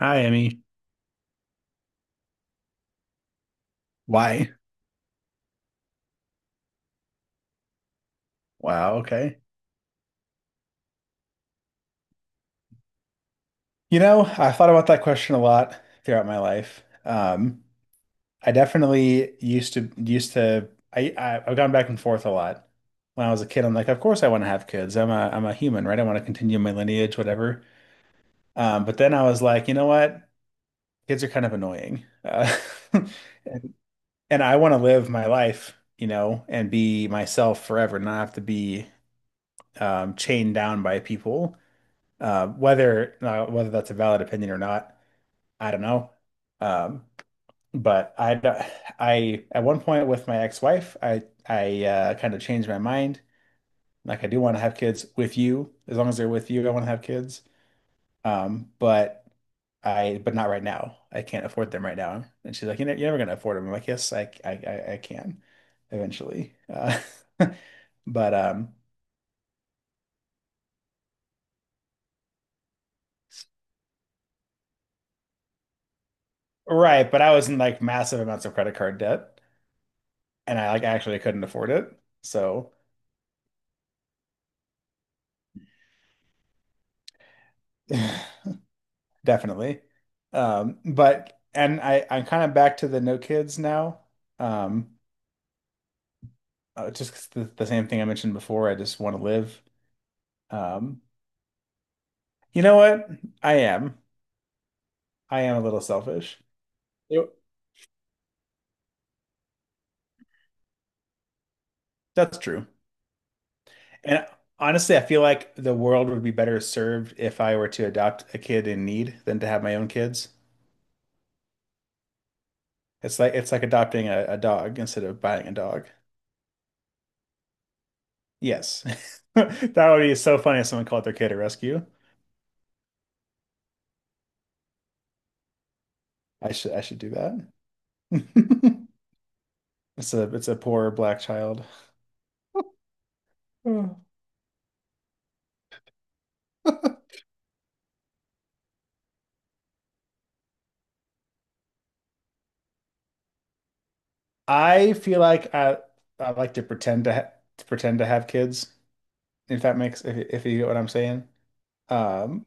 Hi, Emmy. Why? Wow, okay. You know, I thought about that question a lot throughout my life. I definitely used to I I've gone back and forth a lot. When I was a kid, I'm like, of course I want to have kids. I'm a human, right? I want to continue my lineage, whatever. But then I was like, you know what? Kids are kind of annoying. And, and I want to live my life, and be myself forever, not have to be chained down by people. Whether that's a valid opinion or not, I don't know. Um, but I, I at one point with my ex-wife, I kind of changed my mind. Like I do want to have kids with you, as long as they're with you, I want to have kids. But I but not right now. I can't afford them right now. And she's like, you know, you're never gonna afford them. I'm like, yes, I can eventually. But Right. But I was in like massive amounts of credit card debt, and I like actually couldn't afford it. So definitely. But and I I'm kind of back to the no kids now. Um, just 'cause the same thing I mentioned before. I just want to live. Um, you know what? I am. I am a little selfish. Yep. That's true. And honestly, I feel like the world would be better served if I were to adopt a kid in need than to have my own kids. It's like adopting a dog instead of buying a dog. Yes. That would be so funny if someone called their kid a rescue. I should do that. It's a poor black child. Oh. I feel like I like to pretend to pretend to have kids, if that makes if you get what I'm saying. Um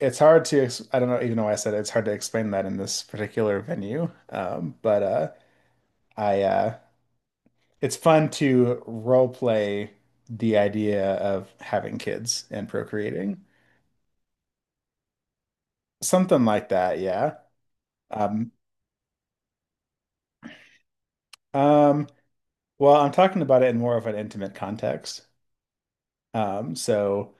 it's hard to ex I don't know even though I said it, it's hard to explain that in this particular venue. But I It's fun to role play the idea of having kids and procreating. Something like that, yeah. Um, um, well, I'm talking about it in more of an intimate context. So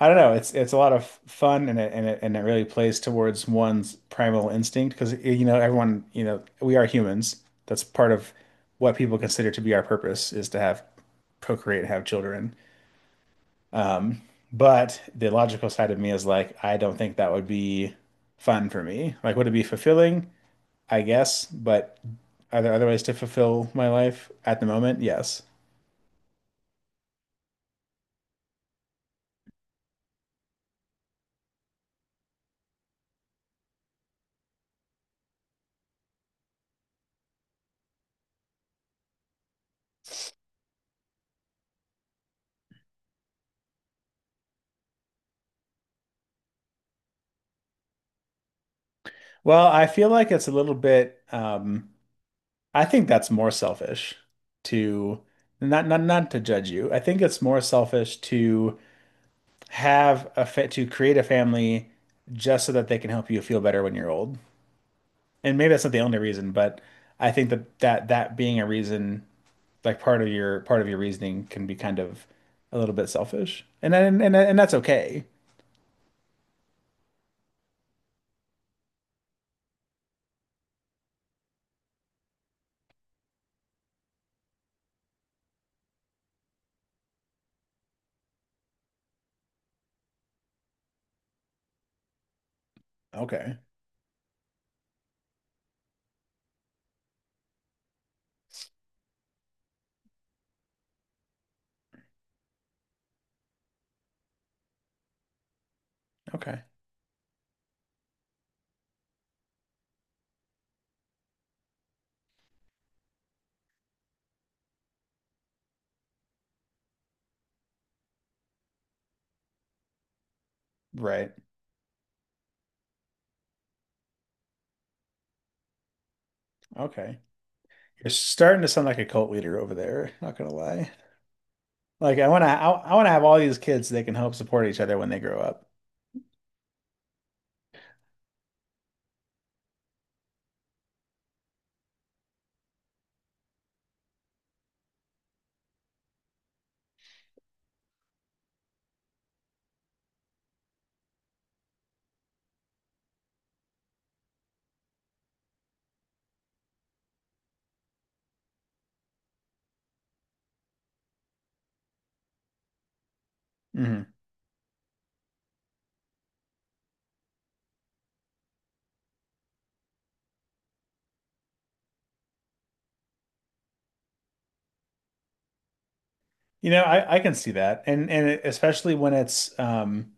I don't know. It's a lot of fun, and it really plays towards one's primal instinct because you know, we are humans. That's part of what people consider to be our purpose is to have procreate and have children. Um, but the logical side of me is like, I don't think that would be fun for me. Like, would it be fulfilling? I guess, but are there other ways to fulfill my life at the moment? Yes. Well, I feel like it's a little bit I think that's more selfish to not to judge you. I think it's more selfish to have a fa to create a family just so that they can help you feel better when you're old. And maybe that's not the only reason, but I think that that being a reason like part of your reasoning can be kind of a little bit selfish. And that's okay. Okay. Okay. Right. Okay. You're starting to sound like a cult leader over there, not gonna lie. Like I want to, I want to have all these kids so they can help support each other when they grow up. Hmm. You know, I can see that. And especially when it's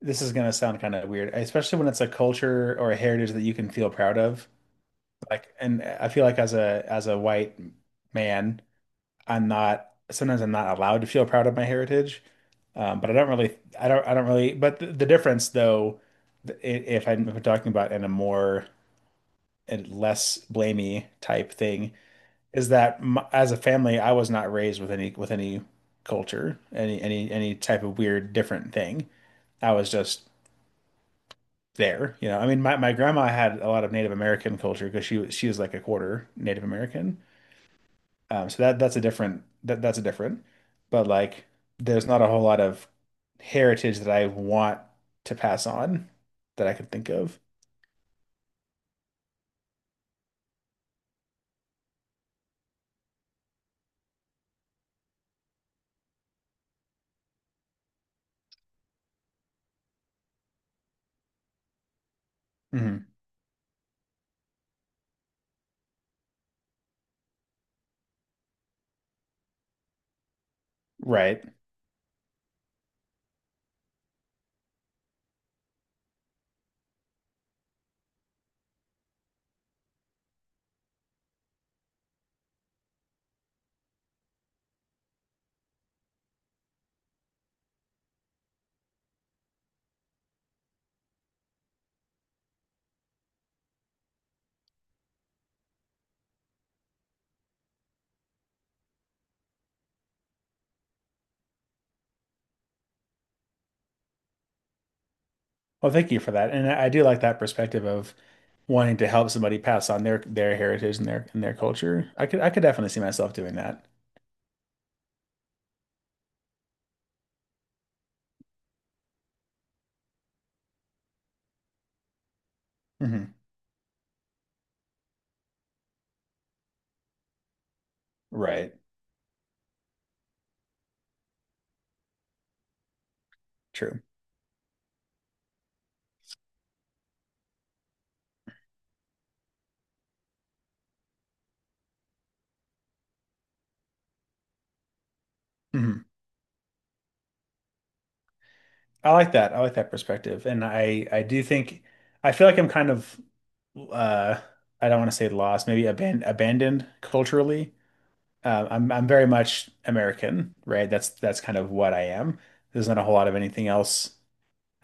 this is gonna sound kind of weird, especially when it's a culture or a heritage that you can feel proud of. Like, and I feel like as a white man, I'm not sometimes I'm not allowed to feel proud of my heritage. But I don't really, I don't really. But the difference, though, if I'm talking about in a more and less blamey type thing, is that m as a family, I was not raised with any culture, any type of weird different thing. I was just there, you know. I mean, my grandma had a lot of Native American culture because she was like a quarter Native American. So that that's a different that that's a different, but like there's not a whole lot of heritage that I want to pass on that I could think of. Hmm. Right. Well, thank you for that. And I do like that perspective of wanting to help somebody pass on their heritage and their culture. I could definitely see myself doing that. Hmm. Right. True. Mhm. I like that. I like that perspective. And I do think I feel like I'm kind of uh I don't want to say lost, maybe abandoned culturally. I'm very much American, right? That's kind of what I am. There's not a whole lot of anything else,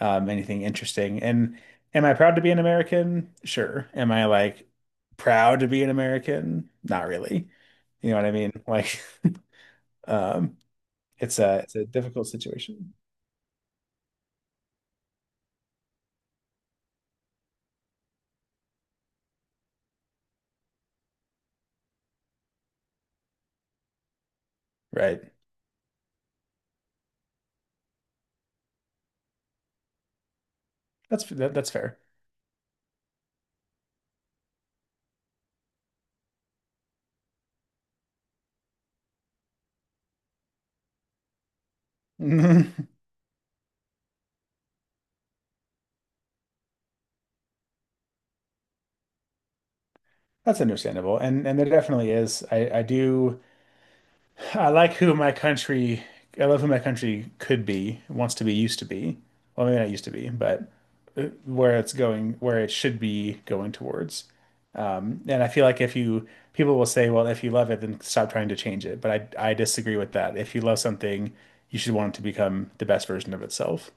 anything interesting. And am I proud to be an American? Sure. Am I like proud to be an American? Not really. You know what I mean? Like, um, it's a difficult situation, right? That, that's fair. That's understandable. And there definitely is. I do I like who my country I love who my country could be, wants to be, used to be. Well, maybe not used to be, but where it's going, where it should be going towards. And I feel like if you people will say, well, if you love it, then stop trying to change it. But I disagree with that. If you love something, you should want it to become the best version of itself.